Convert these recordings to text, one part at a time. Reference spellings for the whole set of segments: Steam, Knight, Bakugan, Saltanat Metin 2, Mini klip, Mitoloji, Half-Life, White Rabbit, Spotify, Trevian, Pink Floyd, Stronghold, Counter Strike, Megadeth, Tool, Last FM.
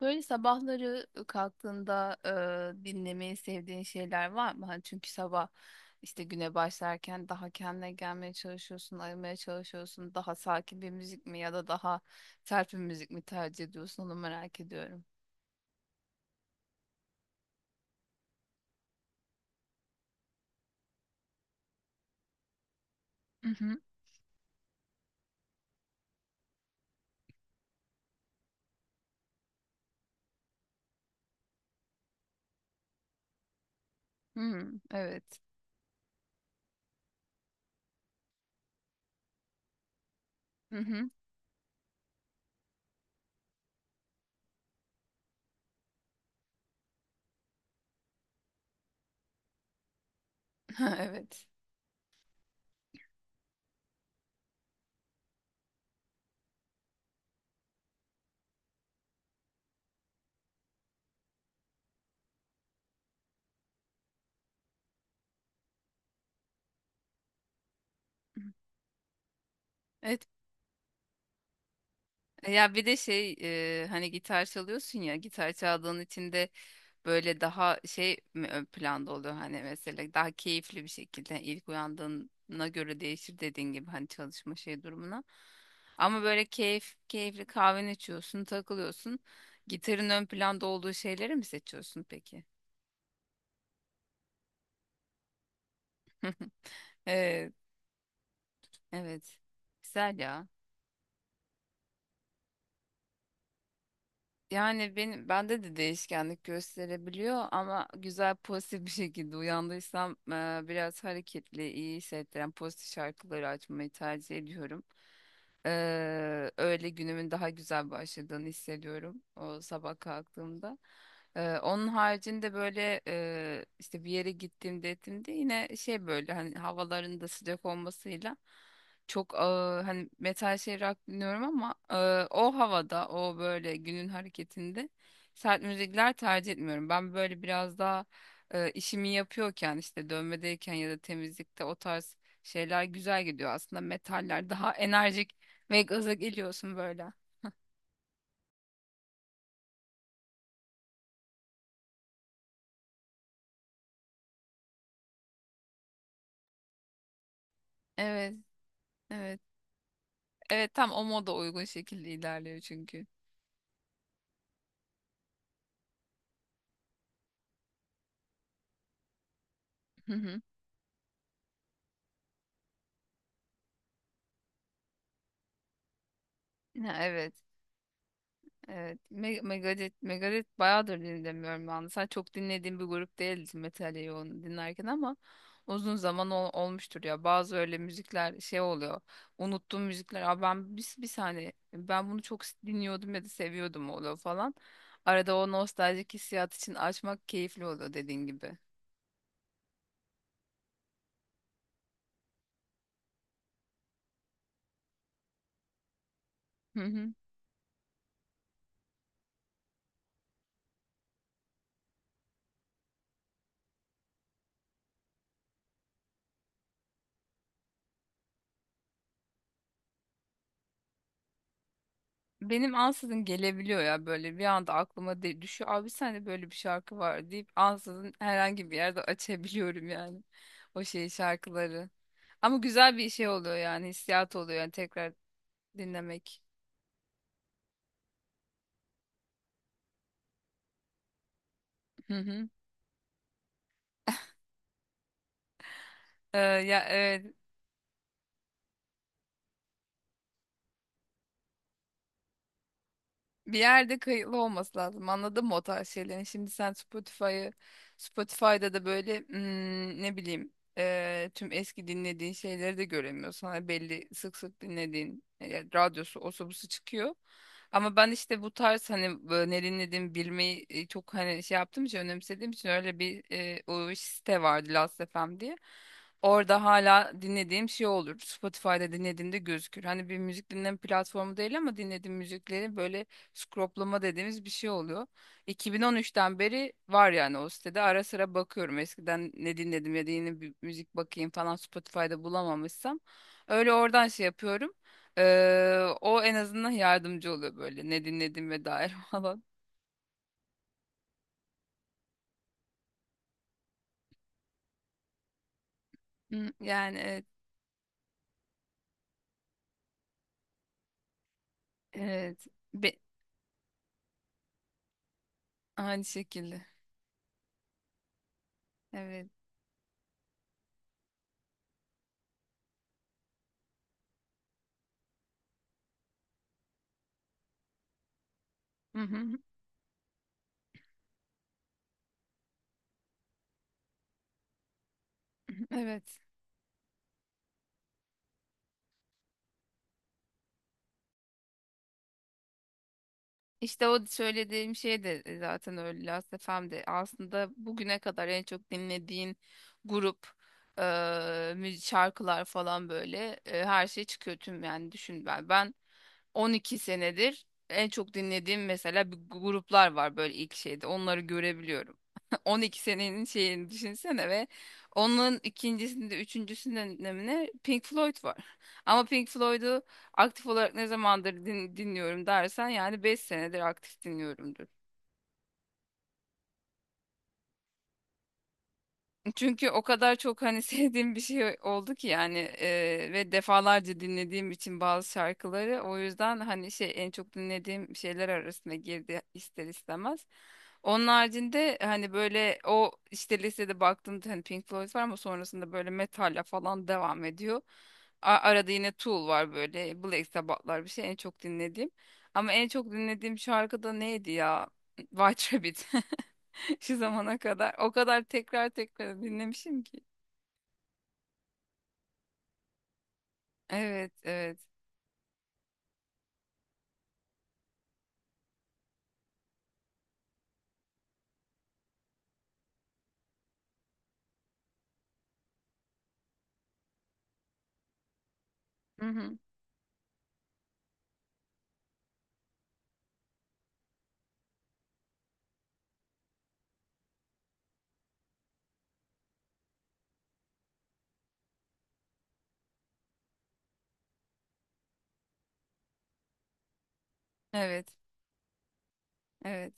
Böyle sabahları kalktığında dinlemeyi sevdiğin şeyler var mı? Hani çünkü sabah işte güne başlarken daha kendine gelmeye çalışıyorsun, ayılmaya çalışıyorsun. Daha sakin bir müzik mi ya da daha sert bir müzik mi tercih ediyorsun? Onu merak ediyorum. Hı hı. Hmm, evet. Hı hı. Evet. Evet. Ya bir de şey hani gitar çalıyorsun ya gitar çaldığın için de böyle daha şey mi ön planda oluyor hani mesela daha keyifli bir şekilde ilk uyandığına göre değişir dediğin gibi hani çalışma şey durumuna. Ama böyle keyifli kahveni içiyorsun, takılıyorsun. Gitarın ön planda olduğu şeyleri mi seçiyorsun peki? Evet. Evet. Güzel ya. Yani bende de değişkenlik gösterebiliyor ama güzel pozitif bir şekilde uyandıysam biraz hareketli, iyi hissettiren pozitif şarkıları açmayı tercih ediyorum. Öyle günümün daha güzel başladığını hissediyorum o sabah kalktığımda. Onun haricinde böyle işte bir yere gittiğimde ettiğimde yine şey böyle hani havaların da sıcak olmasıyla çok hani metal şey rock dinliyorum ama o havada o böyle günün hareketinde sert müzikler tercih etmiyorum. Ben böyle biraz daha işimi yapıyorken işte dövmedeyken ya da temizlikte o tarz şeyler güzel gidiyor. Aslında metaller daha enerjik ve gaza geliyorsun böyle. Evet, evet. Evet tam o moda uygun şekilde ilerliyor çünkü. Hı hı. Ya, evet. Evet. Megadeth bayağıdır dinlemiyorum ben. De. Sen çok dinlediğim bir grup değildi metal yoğun dinlerken ama uzun zaman olmuştur ya. Bazı öyle müzikler şey oluyor. Unuttuğum müzikler. Aa ben bir saniye ben bunu çok dinliyordum ya da seviyordum oluyor falan. Arada o nostaljik hissiyat için açmak keyifli oluyor dediğin gibi. Hı hı. Benim ansızın gelebiliyor ya böyle bir anda aklıma de düşüyor. Abi sende böyle bir şarkı var deyip ansızın herhangi bir yerde açabiliyorum yani o şey şarkıları. Ama güzel bir şey oluyor yani hissiyat oluyor yani tekrar dinlemek. Hı hı. Ya evet. Bir yerde kayıtlı olması lazım. Anladın mı o tarz şeylerin? Şimdi sen Spotify'da da böyle ne bileyim tüm eski dinlediğin şeyleri de göremiyorsun. Hani belli sık sık dinlediğin radyosu osu busu çıkıyor. Ama ben işte bu tarz hani ne dinlediğimi bilmeyi çok hani şey yaptığım için önemsediğim için öyle bir o site vardı Last FM diye. Orada hala dinlediğim şey olur. Spotify'da dinlediğimde gözükür. Hani bir müzik dinleme platformu değil ama dinlediğim müzikleri böyle scroplama dediğimiz bir şey oluyor. 2013'ten beri var yani o sitede. Ara sıra bakıyorum. Eskiden ne dinledim ya da yeni bir müzik bakayım falan Spotify'da bulamamışsam. Öyle oradan şey yapıyorum. O en azından yardımcı oluyor böyle ne dinlediğime dair falan. Hı, yani evet, evet. Be- aynı şekilde. Evet. Hı hı, hı hı, evet. İşte o söylediğim şey de zaten öyle Last FM'de aslında bugüne kadar en çok dinlediğin grup e, şarkılar falan böyle her şey çıkıyor tüm yani düşün ben 12 senedir en çok dinlediğim mesela bir gruplar var böyle ilk şeyde onları görebiliyorum. 12 senenin şeyini düşünsene ve onun ikincisinde üçüncüsünde Pink Floyd var. Ama Pink Floyd'u aktif olarak ne zamandır dinliyorum dersen yani 5 senedir aktif dinliyorumdur. Çünkü o kadar çok hani sevdiğim bir şey oldu ki yani ve defalarca dinlediğim için bazı şarkıları o yüzden hani şey en çok dinlediğim şeyler arasına girdi ister istemez. Onun haricinde hani böyle o işte listede baktığımda hani Pink Floyd var ama sonrasında böyle metalle falan devam ediyor. Arada yine Tool var böyle Black Sabbath'lar bir şey en çok dinlediğim. Ama en çok dinlediğim şarkı da neydi ya? White Rabbit. Şu zamana kadar. O kadar tekrar tekrar dinlemişim ki. Evet, evet. Hı hı. Evet, evet.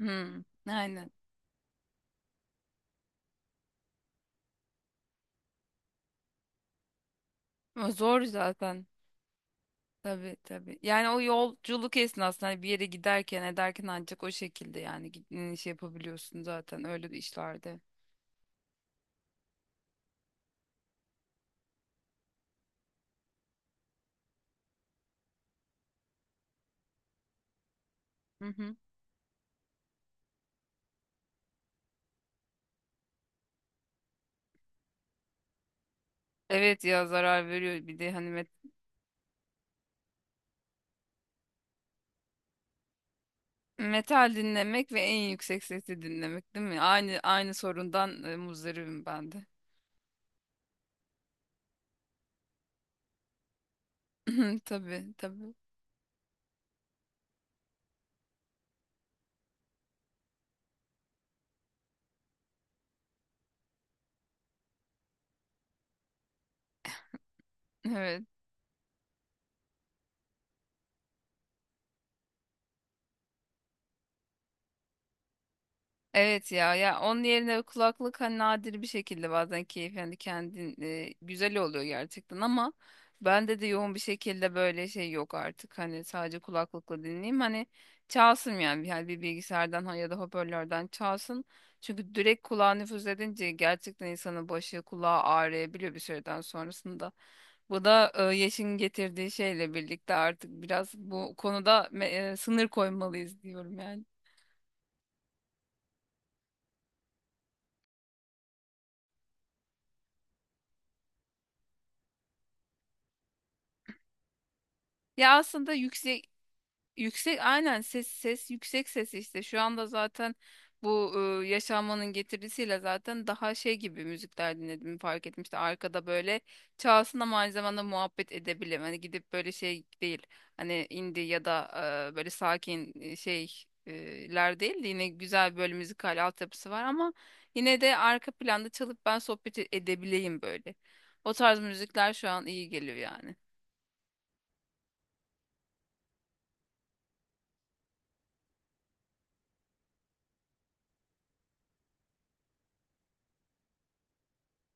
Hı, aynen. Ama zor zaten. Tabii, tabii. Yani o yolculuk esnasında hani bir yere giderken ederken ancak o şekilde yani gittiğin şey yapabiliyorsun zaten öyle bir işlerde. Hı hı. Evet ya zarar veriyor bir de hani metal dinlemek ve en yüksek sesli dinlemek değil mi? Aynı sorundan muzdaribim ben de. Tabii, tabii. Evet. Evet, ya onun yerine kulaklık hani nadir bir şekilde bazen keyif yani kendin güzel oluyor gerçekten ama bende de yoğun bir şekilde böyle şey yok artık hani sadece kulaklıkla dinleyeyim hani çalsın yani, bir bilgisayardan ya da hoparlörden çalsın çünkü direkt kulağa nüfuz edince gerçekten insanın başı kulağı ağrıyabiliyor bir süreden sonrasında. Bu da yaşın getirdiği şeyle birlikte artık biraz bu konuda sınır koymalıyız diyorum yani. Ya aslında yüksek Yüksek aynen ses ses yüksek ses işte şu anda zaten bu yaşanmanın getirisiyle zaten daha şey gibi müzikler dinledim fark ettim işte arkada böyle çalsın ama aynı zamanda muhabbet edebilirim hani gidip böyle şey değil hani indie ya da böyle sakin şey ler değil de yine güzel böyle müzikal altyapısı var ama yine de arka planda çalıp ben sohbet edebileyim böyle o tarz müzikler şu an iyi geliyor yani.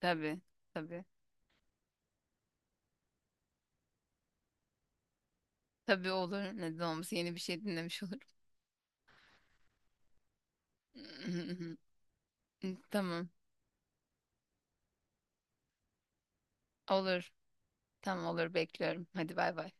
Tabii, tabii. Tabii olur. Neden olmasın? Yeni bir şey dinlemiş olurum. Tamam. Olur. Tamam olur. Bekliyorum. Hadi bay bay.